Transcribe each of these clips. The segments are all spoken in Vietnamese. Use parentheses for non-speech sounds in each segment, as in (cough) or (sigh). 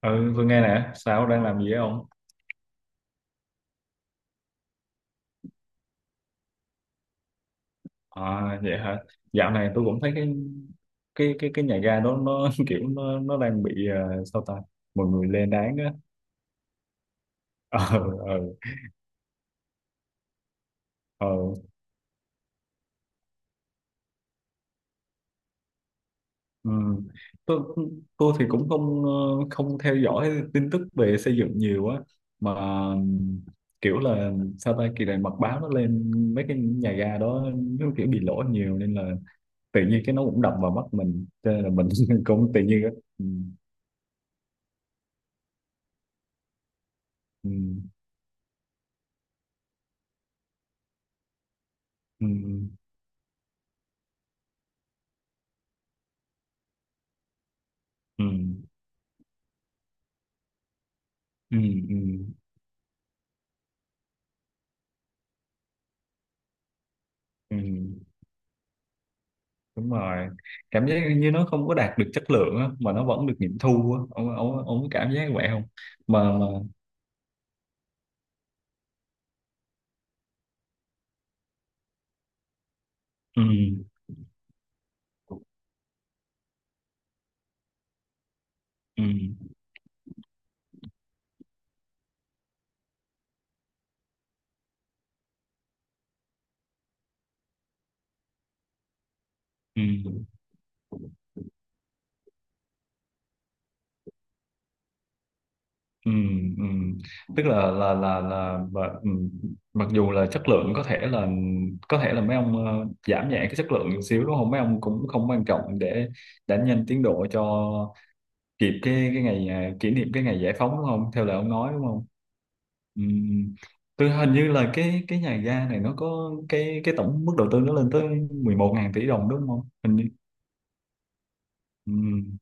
Ừ, tôi nghe nè, sao đang làm gì ấy ông? À, vậy hả? Dạo này tôi cũng thấy cái nhà ga đó nó (laughs) kiểu nó đang bị sao ta? Mọi người lên đáng á. (laughs) Ờ, ờ, ờ. Ừ. Tôi tôi thì cũng không không theo dõi tin tức về xây dựng nhiều á, mà kiểu là sao ta kỳ này mật báo nó lên mấy cái nhà ga đó nó kiểu bị lỗi nhiều, nên là tự nhiên cái nó cũng đập vào mắt mình, cho nên là mình (laughs) cũng tự nhiên á. Ừ. Ừ. Ừ. Ừ, ừ, ừ, ừ, đúng rồi, cảm giác như nó không có đạt được chất lượng á, mà nó vẫn được nghiệm thu á, ông có cảm giác vậy không? Mà mà Ừ, ừ, ừ, ừ, ừ, tức là và, mặc dù là chất lượng có thể là mấy ông giảm nhẹ cái chất lượng một xíu đúng không, mấy ông cũng không quan trọng để đánh nhanh tiến độ cho kịp cái ngày kỷ niệm cái ngày giải phóng đúng không, theo lời ông nói đúng không? Ừ. Tôi hình như là cái nhà ga này nó có cái tổng mức đầu tư nó lên tới 11 ngàn tỷ đồng đúng không? Hình như ừ.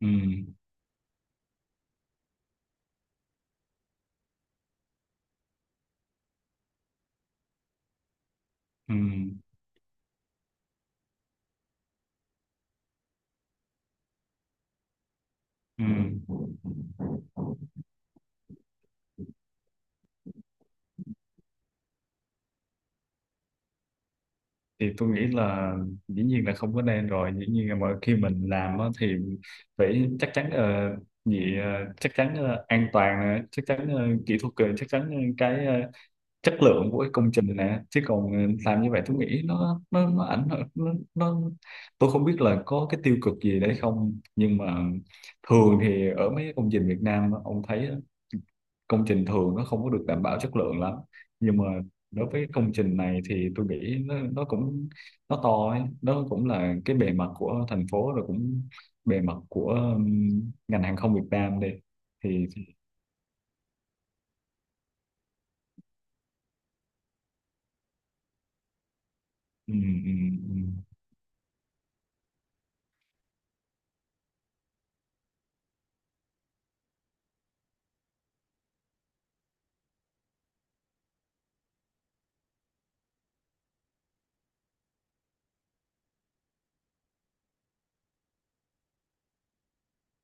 Ừ. Ừ. Ừ. Thì tôi nghĩ là dĩ nhiên là không có nên rồi, dĩ nhiên là mỗi khi mình làm á thì phải chắc chắn gì chắc chắn an toàn nè, chắc chắn kỹ thuật chắc chắn cái chất lượng của cái công trình nè, chứ còn làm như vậy tôi nghĩ nó ảnh hưởng nó tôi không biết là có cái tiêu cực gì đấy không, nhưng mà thường thì ở mấy công trình Việt Nam ông thấy á, công trình thường nó không có được đảm bảo chất lượng lắm, nhưng mà đối với công trình này thì tôi nghĩ nó cũng nó to ấy. Nó cũng là cái bề mặt của thành phố, rồi cũng bề mặt của ngành hàng không Việt Nam đi. Thì- Ừm,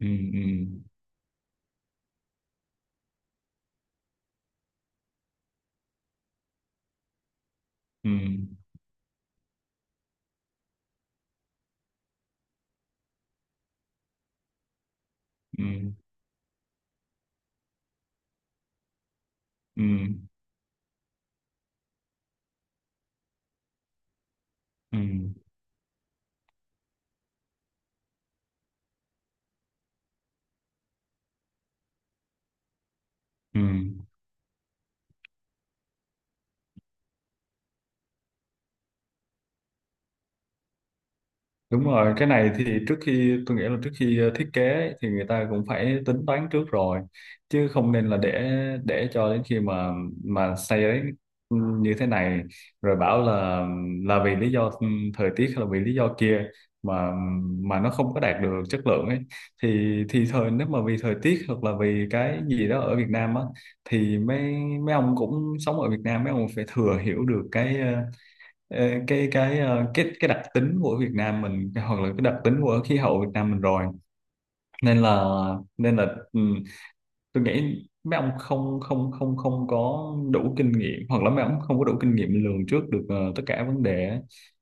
ừm, ừm, ừm. Ừ, ừ, ừ, ừ. Đúng rồi, cái này thì trước khi tôi nghĩ là trước khi thiết kế ấy, thì người ta cũng phải tính toán trước rồi, chứ không nên là để cho đến khi mà xây đến như thế này rồi bảo là vì lý do thời tiết hay là vì lý do kia, mà mà nó không có đạt được chất lượng ấy, thì thời nếu mà vì thời tiết hoặc là vì cái gì đó ở Việt Nam á, thì mấy mấy ông cũng sống ở Việt Nam, mấy ông phải thừa hiểu được cái Ờ, cái đặc tính của Việt Nam mình, hoặc là cái đặc tính của khí hậu Việt Nam mình rồi, nên là nên là ừ, tôi nghĩ mấy ông không không không không có đủ kinh nghiệm, hoặc là mấy ông không có đủ kinh nghiệm lường trước được tất cả vấn đề á.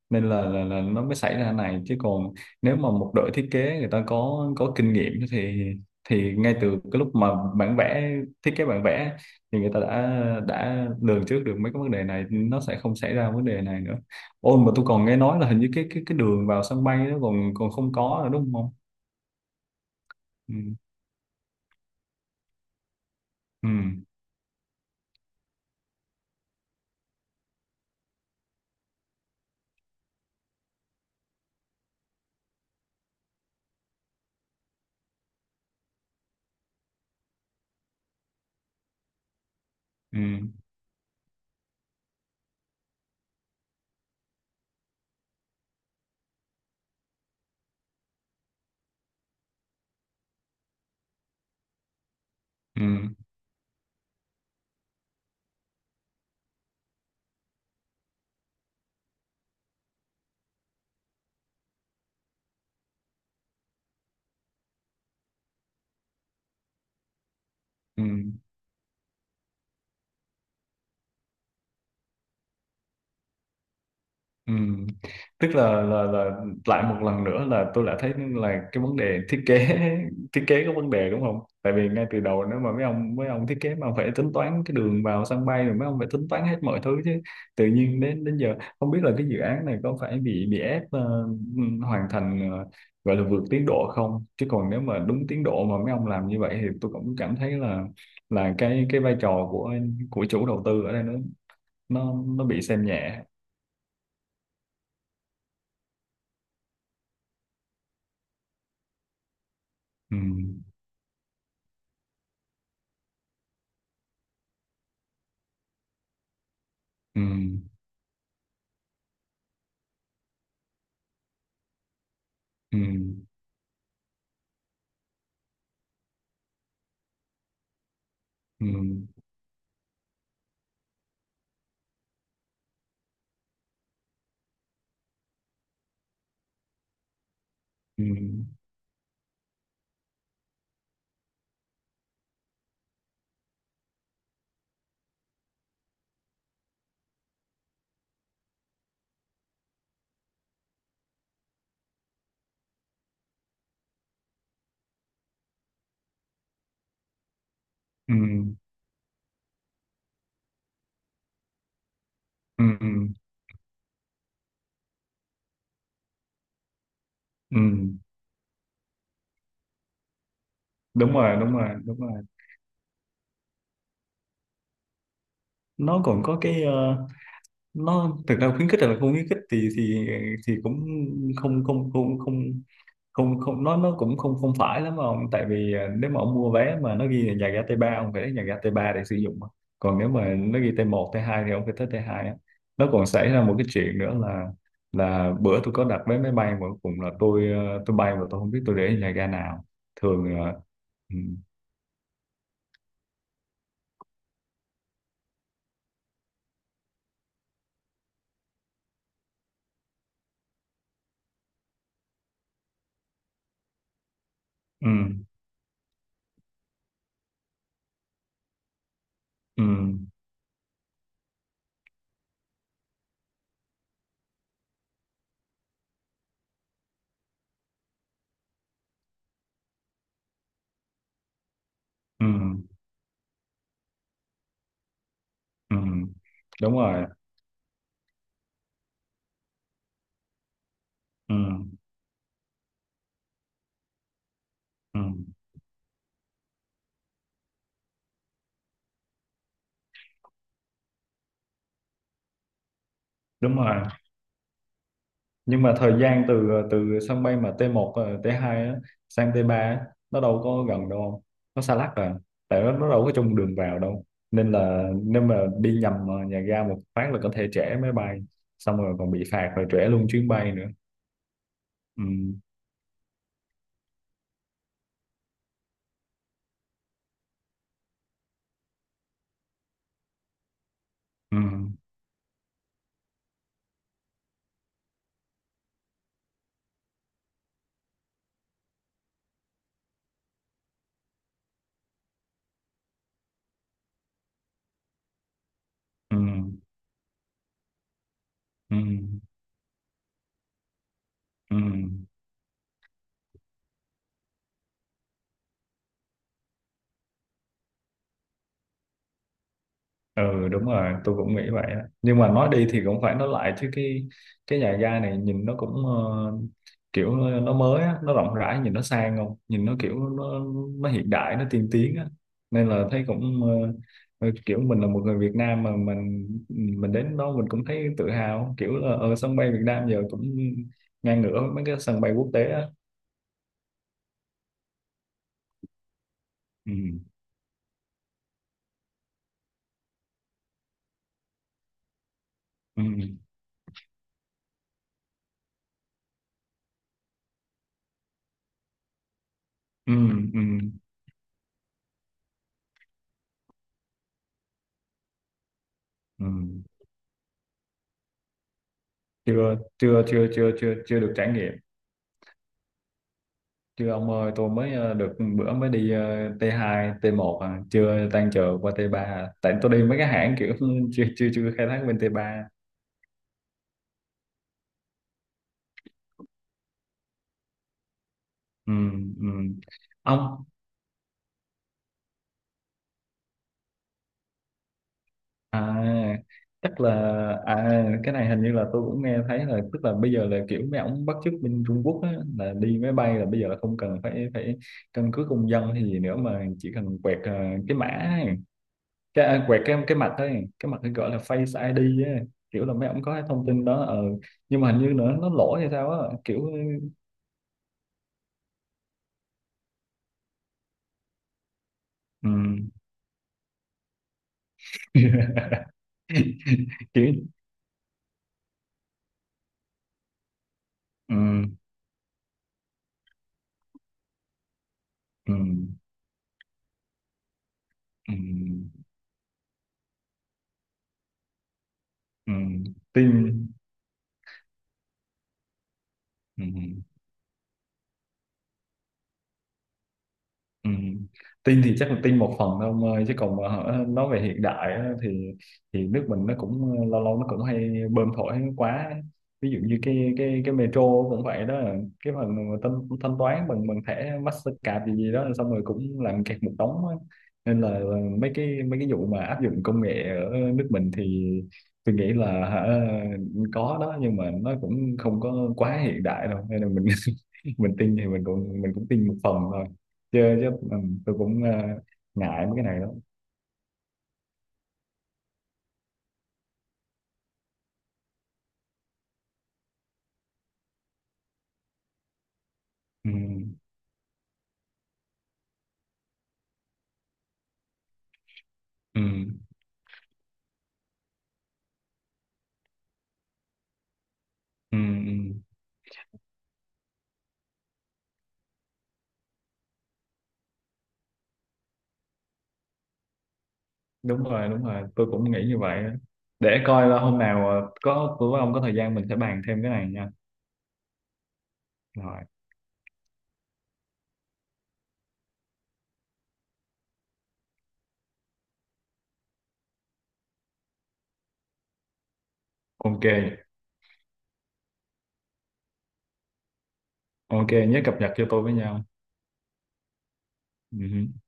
Nên là, nó mới xảy ra này, chứ còn nếu mà một đội thiết kế người ta có kinh nghiệm thì ngay từ cái lúc mà bản vẽ thiết kế bản vẽ thì người ta đã lường trước được mấy cái vấn đề này, nó sẽ không xảy ra vấn đề này nữa. Ôi mà tôi còn nghe nói là hình như cái đường vào sân bay nó còn còn không có nữa đúng không? Ừ, ừ, ừ, ừ, ừ. Ừ. Tức là, lại một lần nữa là tôi đã thấy là cái vấn đề thiết kế (laughs) thiết kế có vấn đề đúng không? Tại vì ngay từ đầu nếu mà mấy ông thiết kế mà phải tính toán cái đường vào sân bay, rồi mấy ông phải tính toán hết mọi thứ chứ. Tự nhiên đến đến giờ không biết là cái dự án này có phải bị ép hoàn thành gọi là vượt tiến độ không? Chứ còn nếu mà đúng tiến độ mà mấy ông làm như vậy thì tôi cũng cảm thấy là cái vai trò của chủ đầu tư ở đây nó bị xem nhẹ. Ừ. Ừ. Ừ, ừ, ừ, ừ, ừ, ừ, ừ. Đúng rồi, đúng rồi, đúng rồi. Nó còn có cái nó thực ra khuyến khích hay là không khuyến khích thì thì cũng không không không không không không nó cũng không không phải lắm ông, tại vì nếu mà ông mua vé mà nó ghi là nhà ga T3 ông phải đến nhà ga t ba để sử dụng mà. Còn nếu mà nó ghi T1 T2 thì ông phải tới T2 á. Nó còn xảy ra một cái chuyện nữa là bữa tôi có đặt vé máy bay mà cuối cùng là tôi tôi bay mà tôi không biết tôi để ở nhà ga nào, thường là ừ, ừ, ừ, ừ, ừ, ừ. Đúng rồi, ừ, ừ, đúng rồi. Nhưng mà thời gian từ từ sân bay mà t một T2 á, sang T3 á, nó đâu có gần đâu, không, nó xa lắc rồi, tại nó đâu có chung đường vào đâu, nên là nếu mà đi nhầm nhà ga một phát là có thể trễ máy bay, xong rồi còn bị phạt, rồi trễ luôn chuyến bay nữa. Ừ, ừ, ừ, ừ, ừ. Ừ. Ừ, đúng rồi, tôi cũng nghĩ vậy á. Nhưng mà nói đi thì cũng phải nói lại chứ, cái nhà ga này nhìn nó cũng kiểu nó mới á, nó rộng rãi, nhìn nó sang, không nhìn nó kiểu nó hiện đại, nó tiên tiến á, nên là thấy cũng kiểu mình là một người Việt Nam mà mình đến đó mình cũng thấy tự hào, kiểu là ở sân bay Việt Nam giờ cũng ngang ngửa với mấy cái sân bay quốc tế á. Ừ. Ừ. Ừ. Ừ. Ừ. chưa chưa chưa chưa chưa chưa được trải nghiệm. Chưa ông ơi, tôi mới được bữa mới đi T2 T1 à, chưa tan chờ qua T3 à. Tại tôi đi mấy cái hãng kiểu (laughs) chưa chưa chưa khai thác bên T3. Ừ, ừ. Ông à chắc là cái này hình như là tôi cũng nghe thấy, là tức là bây giờ là kiểu mấy ổng bắt chước bên Trung Quốc á, là đi máy bay là bây giờ là không cần phải phải căn cước công dân hay gì nữa, mà chỉ cần quẹt cái mã, cái quẹt cái mặt ấy, cái mặt ấy gọi là Face ID ấy. Kiểu là mấy ông có cái thông tin đó, nhưng mà hình như nữa nó lỗi hay sao á, kiểu ừm, (laughs) kiểu ừm, ừm, ừm, ừm, tin ừm. Ừ. Tin thì chắc là tin một phần thôi ông ơi, chứ còn mà hả, nói về hiện đại á, thì nước mình nó cũng lâu lâu nó cũng hay bơm thổi quá, ví dụ như cái metro cũng vậy đó, cái phần mà thanh, thanh toán bằng bằng thẻ Mastercard gì gì đó xong rồi cũng làm kẹt một đống á. Nên là mấy cái vụ mà áp dụng công nghệ ở nước mình thì tôi nghĩ là hả, có đó nhưng mà nó cũng không có quá hiện đại đâu, nên là mình (laughs) mình tin thì mình cũng tin một phần thôi, chưa chứ tôi cũng ngại mấy cái này lắm. Ừ, ừ, ừ, ừ. Đúng rồi, đúng rồi, tôi cũng nghĩ như vậy á. Để coi là hôm nào có tôi với ông có thời gian mình sẽ bàn thêm cái này nha. Rồi. Ok, ok, nhớ cập nhật cho tôi với nhau. Ừ.